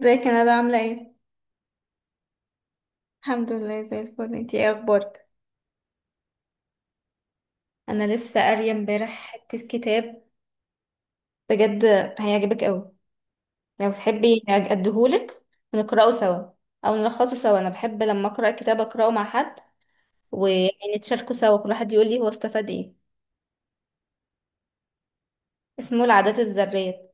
ازيك يا ندى عاملة ايه؟ الحمد لله زي الفل، انتي ايه اخبارك؟ انا لسه قارية امبارح حتة كتاب. بجد، هيعجبك اوي. لو تحبي اديهولك ونقرأه سوا او نلخصه سوا. انا بحب لما اقرأ كتاب اقرأه مع حد ونتشاركه سوا، كل واحد يقول لي هو استفاد ايه. اسمه العادات الذرية.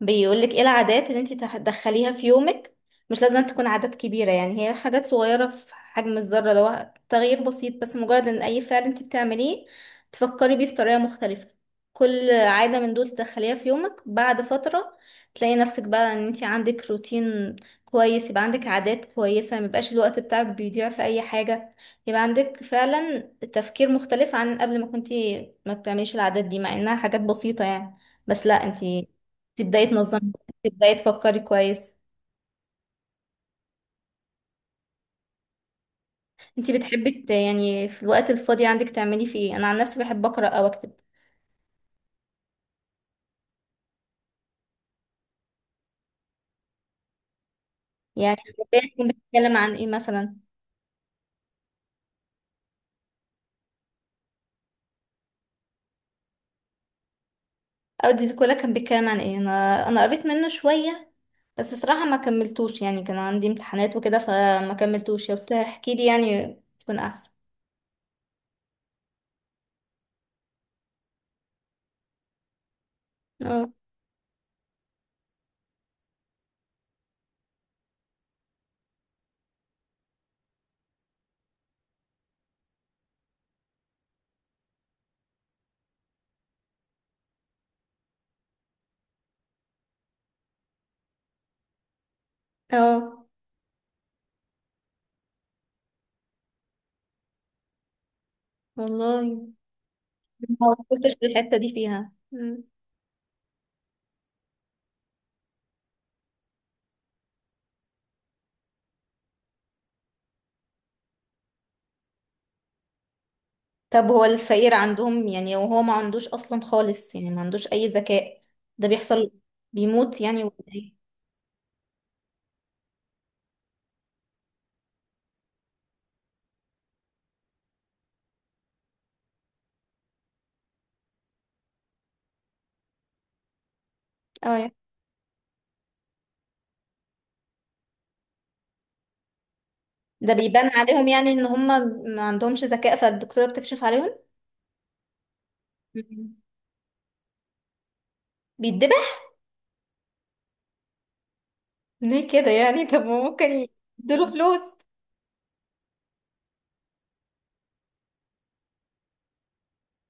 بيقولك ايه العادات اللي انتي تدخليها في يومك. مش لازم أن تكون عادات كبيرة، يعني هي حاجات صغيرة في حجم الذرة، اللي هو تغيير بسيط، بس مجرد ان اي فعل انتي بتعمليه تفكري بيه بطريقة مختلفة. كل عادة من دول تدخليها في يومك، بعد فترة تلاقي نفسك بقى ان انتي عندك روتين كويس. يبقى عندك عادات كويسة، ميبقاش الوقت بتاعك بيضيع في اي حاجة. يبقى عندك فعلا تفكير مختلف عن قبل ما كنتي ما بتعمليش العادات دي، مع انها حاجات بسيطة يعني. بس لا، انتي تبداي تنظمي، تبداي تفكري كويس. انتي بتحبي يعني في الوقت الفاضي عندك تعملي فيه ايه؟ انا عن نفسي بحب اقرا او اكتب. يعني البداية تكون بتتكلم عن ايه مثلا؟ او دي كلها كان بيتكلم عن ايه؟ انا قريت منه شويه، بس صراحه ما كملتوش، يعني كان عندي امتحانات وكده فما كملتوش. لو تحكي لي يعني تكون احسن. اه، اه، والله ما وصلتش للحته دي فيها. طب هو الفقير عندهم يعني وهو ما عندوش اصلا خالص، يعني ما عندوش اي ذكاء، ده بيحصل؟ بيموت يعني ولا ايه؟ اه، ده بيبان عليهم يعني ان هم ما عندهمش ذكاء فالدكتورة بتكشف عليهم؟ مم. بيتذبح؟ ليه كده يعني؟ طب ما ممكن يديله فلوس.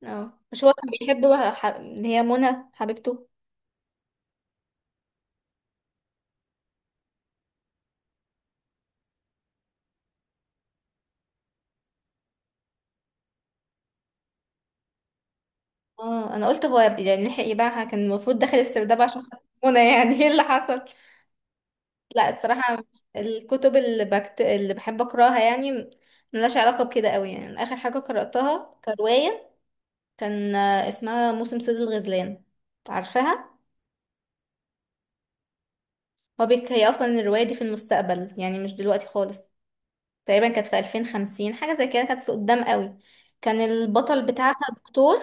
اه، مش هو كان بيحب بقى اللي هي منى حبيبته؟ اه، انا قلت هو يعني لحق يبيعها، كان المفروض داخل السرداب عشان خاطر منى يعني. ايه اللي حصل؟ لا، الصراحة الكتب اللي بحب أقرأها يعني ملهاش علاقة بكده قوي. يعني آخر حاجة قرأتها كرواية كان اسمها موسم صيد الغزلان. عارفاها؟ هي أصلا الرواية دي في المستقبل، يعني مش دلوقتي خالص. تقريبا كانت في 2050، حاجة زي كده، كانت في قدام قوي. كان البطل بتاعها دكتور،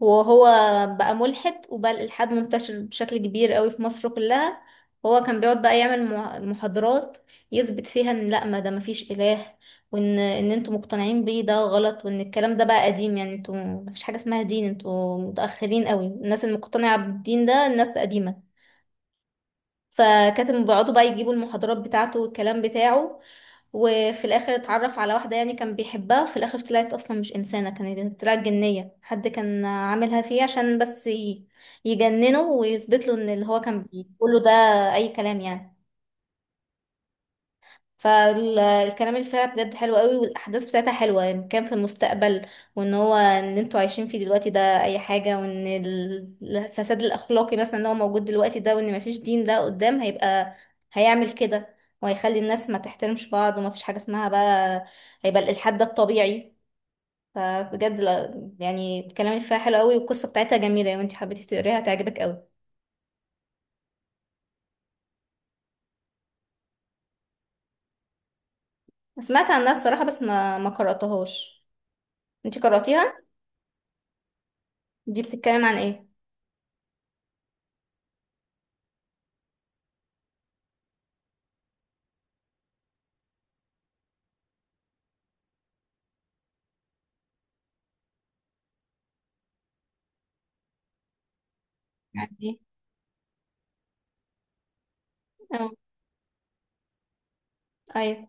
وهو بقى ملحد وبقى الإلحاد منتشر بشكل كبير قوي في مصر كلها. هو كان بيقعد بقى يعمل محاضرات يثبت فيها ان لا، ما ده مفيش إله، وان ان انتوا مقتنعين بيه ده غلط، وان الكلام ده بقى قديم. يعني انتوا مفيش حاجة اسمها دين، انتوا متأخرين قوي، الناس المقتنعة بالدين ده الناس قديمة. فكانت بيقعدوا بقى يجيبوا المحاضرات بتاعته والكلام بتاعه. وفي الاخر اتعرف على واحده يعني كان بيحبها، في الاخر طلعت اصلا مش انسانه، كانت طلعت جنيه، حد كان عاملها فيه عشان بس يجننه ويثبت له ان اللي هو كان بيقوله ده اي كلام يعني. فالكلام اللي فيها بجد حلو قوي، والاحداث بتاعتها حلوه. يعني كان في المستقبل، وان هو ان انتوا عايشين فيه دلوقتي ده اي حاجه، وان الفساد الاخلاقي مثلا اللي هو موجود دلوقتي ده، وان مفيش دين، ده قدام هيبقى هيعمل كده، وهيخلي الناس ما تحترمش بعض، ومفيش حاجه اسمها بقى، هيبقى الالحاد ده الطبيعي. فبجد يعني الكلام اللي فيها حلو قوي، والقصه بتاعتها جميله. لو انت حبيتي تقريها هتعجبك قوي. سمعت عنها الصراحه، بس ما قراتهاش. انت قراتيها؟ دي بتتكلم عن ايه؟ عن ايه؟ ايوه،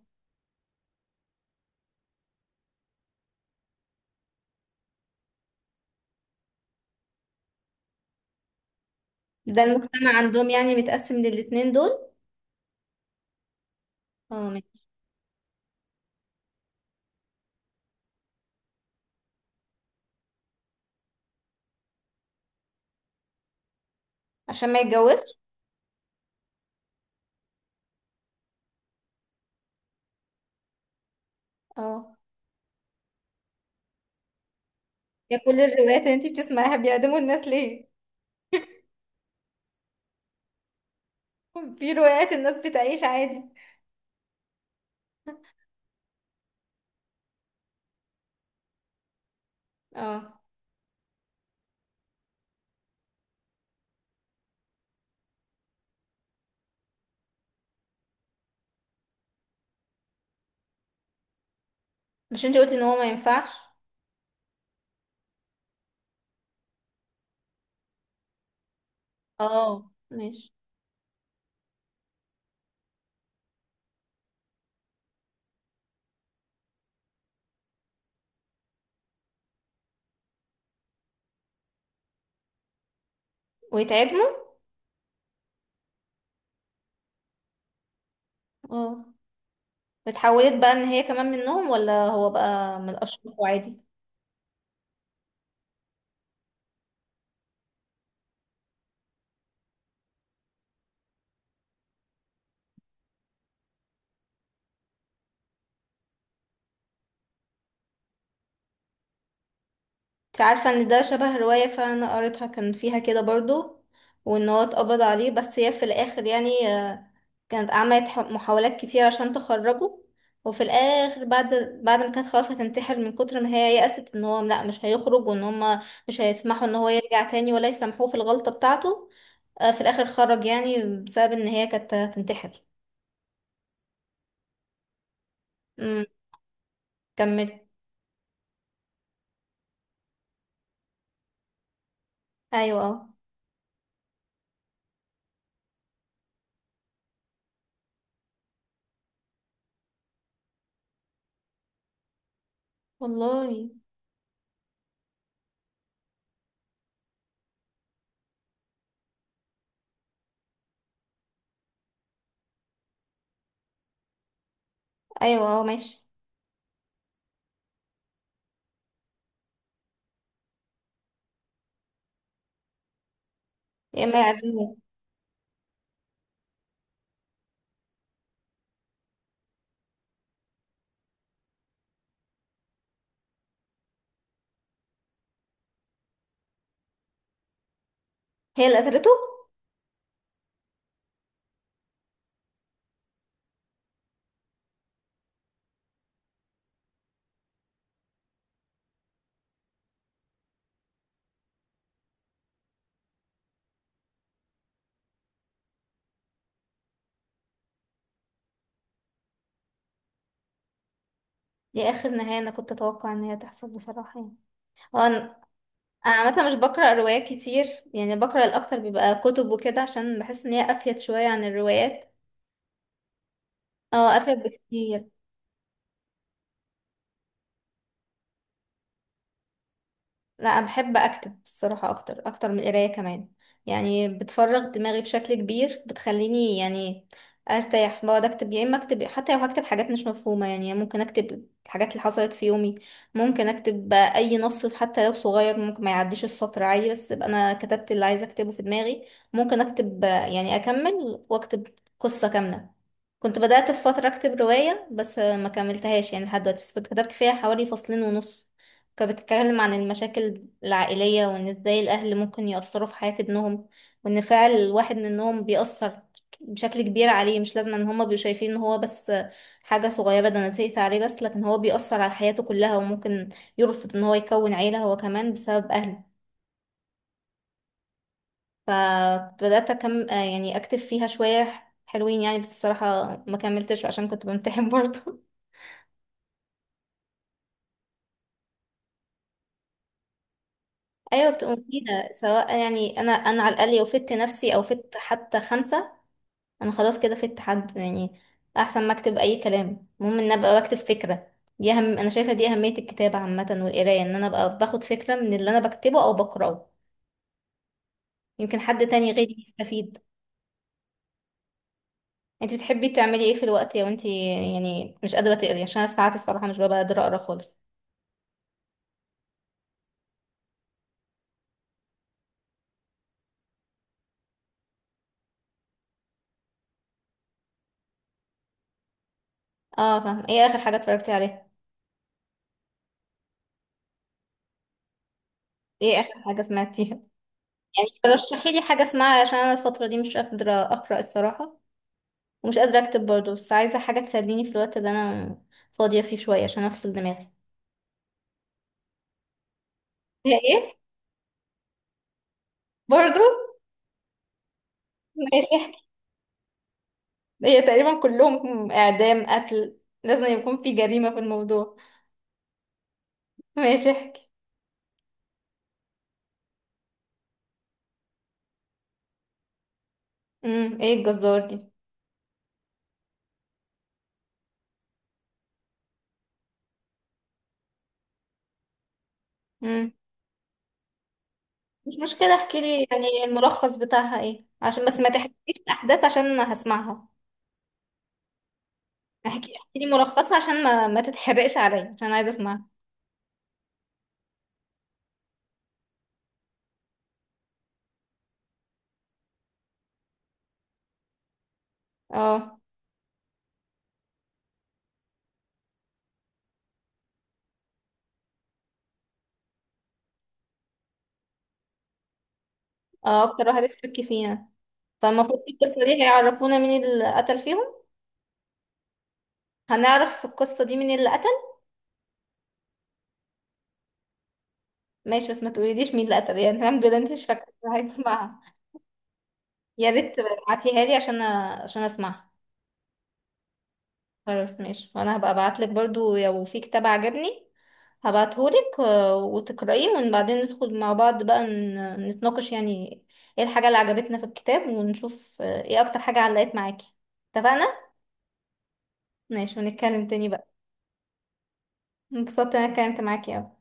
ده المجتمع عندهم يعني متقسم للاتنين دول؟ اه، ماشي. عشان ما يتجوزش؟ اه. يا كل الروايات اللي انتي بتسمعيها بيعدموا الناس ليه؟ في روايات الناس بتعيش عادي. اه، مش انتي قلتي ان هو ما ينفعش؟ اه، ماشي. ويتعدموا؟ اه، اتحولت بقى ان هي كمان منهم، ولا هو بقى من الاشخاص وعادي؟ انت عارفة ان ده شبه رواية فعلا انا قريتها، كان فيها كده برضو. وان هو اتقبض عليه، بس هي في الاخر يعني. كانت عملت محاولات كتير عشان تخرجه، وفي الاخر بعد ما كانت خلاص هتنتحر من كتر ما هي يأست ان هو لا مش هيخرج، وان هما مش هيسمحوا ان هو يرجع تاني ولا يسامحوه في الغلطة بتاعته. في الاخر خرج يعني بسبب ان هي كانت هتنتحر. امم. كملي. ايوه، اه، والله، ايوه، اه، ماشي. يا اما يعدموه. هي اللي قتلته. دي اخر نهاية انا كنت اتوقع ان هي تحصل بصراحة يعني. هو انا أنا عامة مش بقرأ روايات كتير، يعني بقرأ الاكتر بيبقى كتب وكده عشان بحس ان هي افيد شوية عن الروايات. اه، افيد بكتير. لا، انا بحب اكتب الصراحه اكتر اكتر من القرايه كمان. يعني بتفرغ دماغي بشكل كبير، بتخليني يعني ارتاح. بقعد اكتب يا اما اكتب حتى لو هكتب حاجات مش مفهومه. يعني ممكن اكتب الحاجات اللي حصلت في يومي، ممكن اكتب بقى اي نص حتى لو صغير، ممكن ما يعديش السطر عادي، بس ابقى انا كتبت اللي عايزه اكتبه في دماغي. ممكن اكتب يعني اكمل واكتب قصه كامله. كنت بدأت في فترة أكتب رواية، بس ما كملتهاش يعني لحد دلوقتي، بس كنت كتبت فيها حوالي فصلين ونص. كانت بتتكلم عن المشاكل العائلية، وإن إزاي الأهل ممكن يأثروا في حياة ابنهم، وإن فعل الواحد منهم بيأثر بشكل كبير عليه. مش لازم إن هما بيبقوا شايفين إن هو بس حاجة صغيرة ده أنا زهقت عليه، بس لكن هو بيأثر على حياته كلها، وممكن يرفض إن هو يكون عيلة هو كمان بسبب أهله. فكنت بدأت أكم آه يعني أكتب فيها شوية حلوين، يعني بس بصراحة ما كملتش عشان كنت بمتحن برضه. أيوة، بتبقى مفيدة سواء. يعني أنا على الأقل لو فدت نفسي أو فدت حتى خمسة. انا خلاص كده في اتحاد يعني. احسن ما اكتب اي كلام، المهم ان ابقى بكتب فكره، دي اهم. انا شايفه دي اهميه الكتابه عامه والقرايه، ان انا ابقى باخد فكره من اللي انا بكتبه او بقراه، يمكن حد تاني غيري يستفيد. انت بتحبي تعملي ايه في الوقت، لو انت يعني مش قادره تقري، عشان انا ساعات الصراحه مش ببقى قادره اقرا خالص. اه، فاهم. ايه اخر حاجه اتفرجتي عليها؟ ايه اخر حاجه سمعتيها؟ يعني رشحي لي حاجه اسمعها عشان انا الفتره دي مش قادره اقرا الصراحه، ومش قادره اكتب برضه، بس عايزه حاجه تسليني في الوقت اللي انا فاضيه فيه شويه عشان افصل دماغي. هي ايه؟ برضو. ماشي، احكي. هي تقريبا كلهم اعدام قتل، لازم يكون في جريمة في الموضوع. ماشي، احكي. ايه الجزار دي؟ امم مش مشكلة، احكي لي يعني الملخص بتاعها ايه، عشان بس ما تحرقليش الاحداث عشان هسمعها. احكي، احكي لي ملخصها عشان ما تتحرقش عليا، عشان عايزة اسمعها. اه، اه، اكتر واحد اشتكي فيها؟ فالمفروض في القصة دي هيعرفونا مين اللي قتل فيهم. هنعرف في القصة دي مين اللي قتل. ماشي، بس ما تقوليليش مين اللي قتل يعني. الحمد لله انت مش فاكرة، عايزة اسمعها. يا ريت تبعتيها لي عشان اسمعها. خلاص، ماشي، وانا هبقى ابعتلك برضو لو في كتاب عجبني هبعتهولك. وتقرأيه، وبعدين ندخل مع بعض بقى نتناقش يعني ايه الحاجة اللي عجبتنا في الكتاب، ونشوف ايه اكتر حاجة علقت معاكي. اتفقنا؟ ماشي، ونتكلم تاني بقى. انبسطت إن انا اتكلمت معاكي اوي.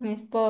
ماشي، باي.